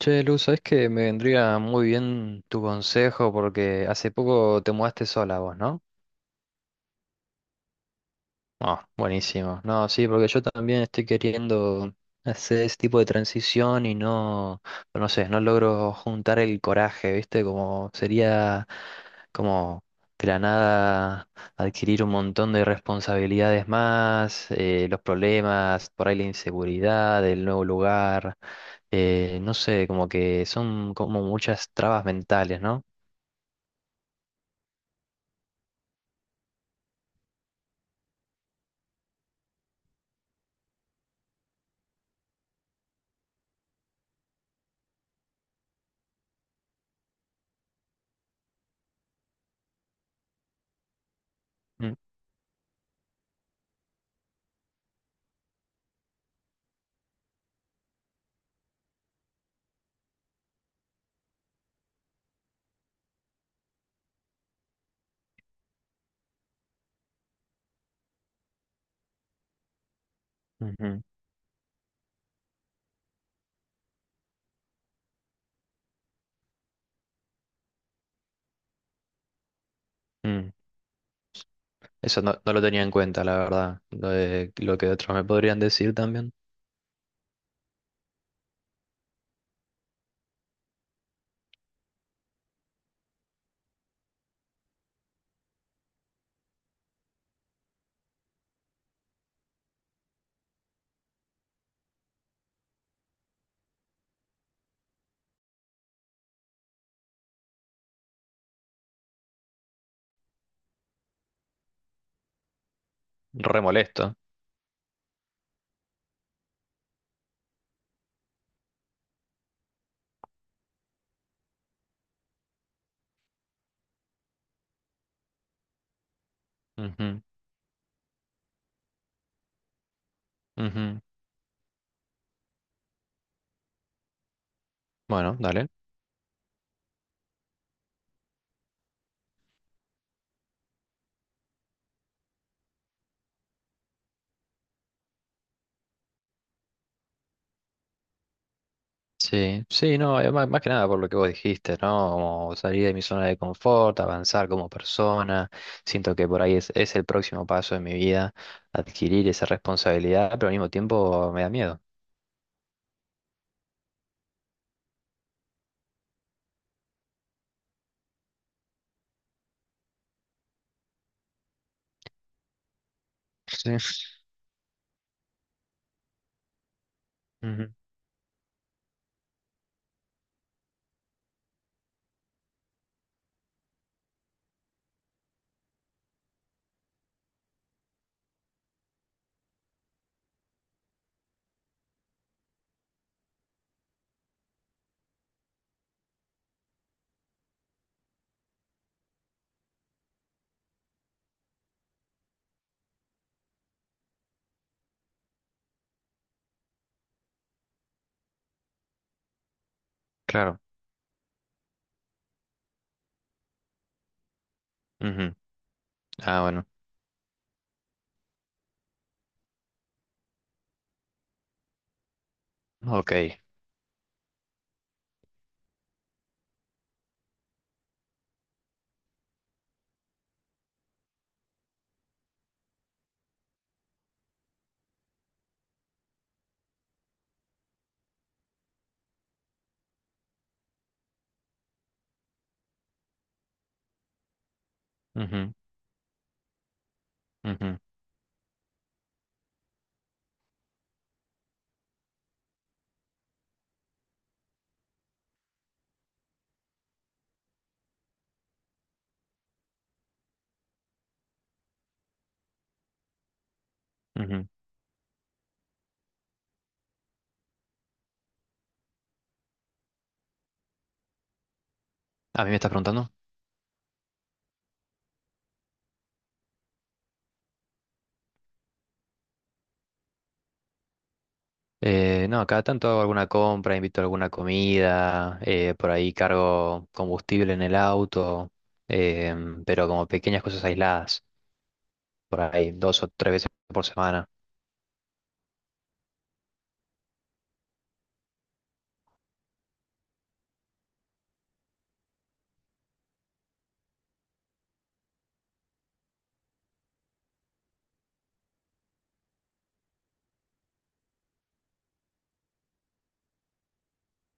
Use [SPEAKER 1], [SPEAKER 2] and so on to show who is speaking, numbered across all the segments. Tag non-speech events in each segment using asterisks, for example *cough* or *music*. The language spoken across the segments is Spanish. [SPEAKER 1] Che, Luz, sabes que me vendría muy bien tu consejo porque hace poco te mudaste sola vos, ¿no? Ah, buenísimo. No, sí, porque yo también estoy queriendo hacer ese tipo de transición y no, no sé, no logro juntar el coraje, ¿viste? Como sería como de la nada adquirir un montón de responsabilidades más, los problemas, por ahí la inseguridad, el nuevo lugar, no sé, como que son como muchas trabas mentales, ¿no? Mm. Ujú. Mm. Eso no lo tenía en cuenta, la verdad. Lo que otros me podrían decir también. Re molesto. Ujú, ujú. Bueno, dale. Sí, sí, no, más que nada por lo que vos dijiste, ¿no? Como salir de mi zona de confort, avanzar como persona. Siento que por ahí es el próximo paso de mi vida, adquirir esa responsabilidad, pero al mismo tiempo me da miedo. Sí. Ujú. Claro. Ujú. Ah, bueno. Ok. Ujú, ujú, ujú. ¿A mí me estás preguntando? No, cada tanto hago alguna compra, invito a alguna comida, por ahí cargo combustible en el auto, pero como pequeñas cosas aisladas, por ahí dos o tres veces por semana.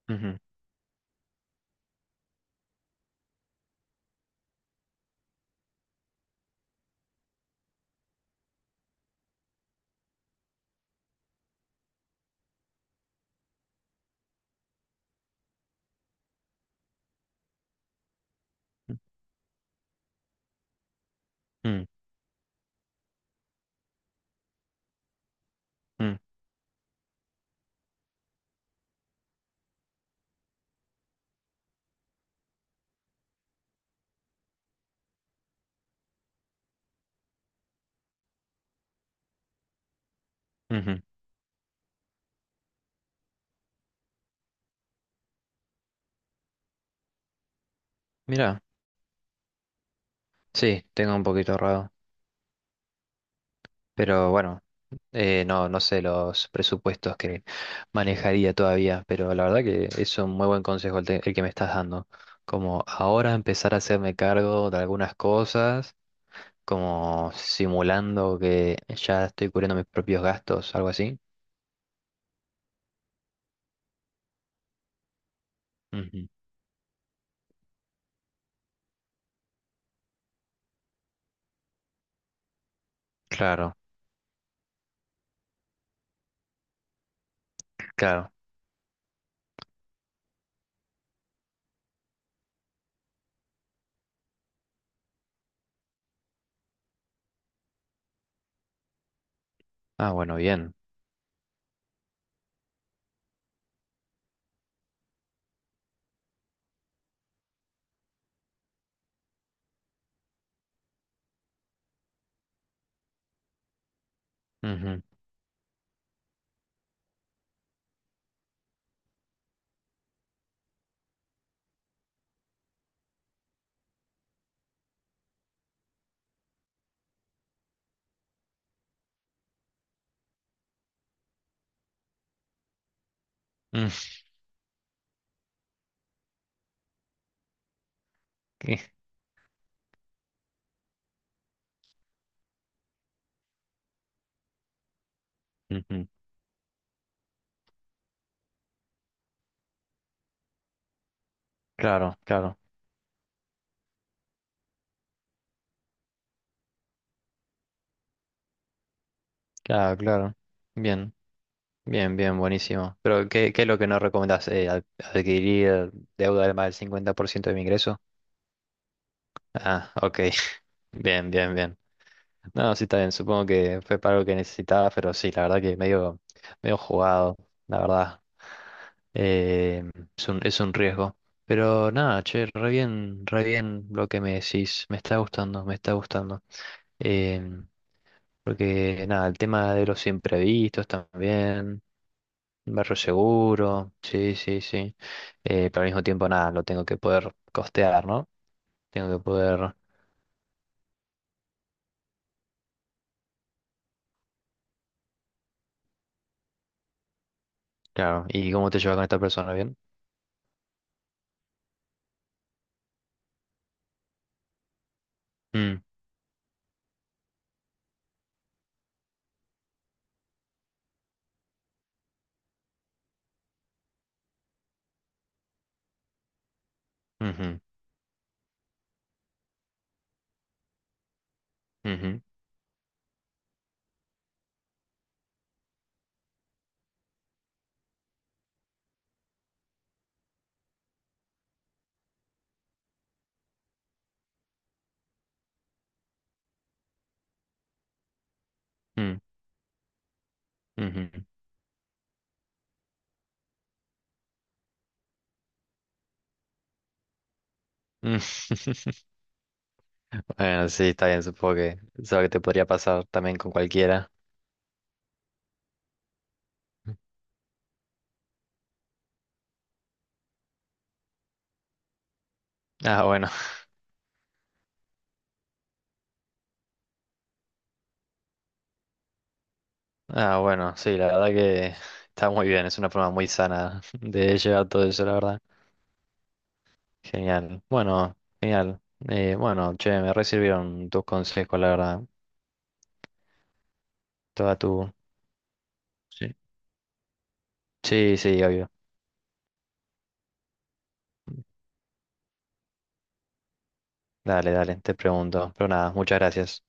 [SPEAKER 1] Ujú, mm, mm, mm, ujú. Mira, sí, tengo un poquito ahorrado. Pero bueno, no, no sé los presupuestos que manejaría todavía, pero la verdad que es un muy buen consejo el que me estás dando. Como ahora empezar a hacerme cargo de algunas cosas, como simulando que ya estoy cubriendo mis propios gastos, algo así. Ujú. Claro, claro. Ah, bueno, bien. Ujú, mm, *laughs* ujú. Claro, claro, claro, claro. Bien. Bien, bien, buenísimo. Pero, ¿qué es lo que nos recomendás? ¿Adquirir deuda de más del 50% de mi ingreso? Ah, ok. *laughs* Bien, bien, bien. No, sí, está bien. Supongo que fue para algo que necesitaba, pero sí, la verdad que medio jugado, la verdad. Eh, es es un riesgo. Pero nada, che, re bien lo que me decís. Me está gustando, me está gustando. Em, Porque nada, el tema de los imprevistos también. Un barrio seguro, sí, sí, sí. Pero al mismo tiempo, nada, lo tengo que poder costear, ¿no? Tengo que poder. Claro. ¿Y cómo te llevas con esta persona? ¿Bien? Mm, ujú, ujú, mm, ujú, mm. *laughs* Bueno, sí, está bien, supongo que es algo que te podría pasar también con cualquiera. Ah, bueno. Ah, bueno, sí, la verdad que está muy bien, es una forma muy sana de llevar todo eso, la verdad. Genial. Bueno, genial. Bueno, che, me re sirvieron tus consejos, la verdad. Toda tu... Sí. Sí, sí, obvio. Dale, dale, te pregunto. Pero nada, muchas gracias.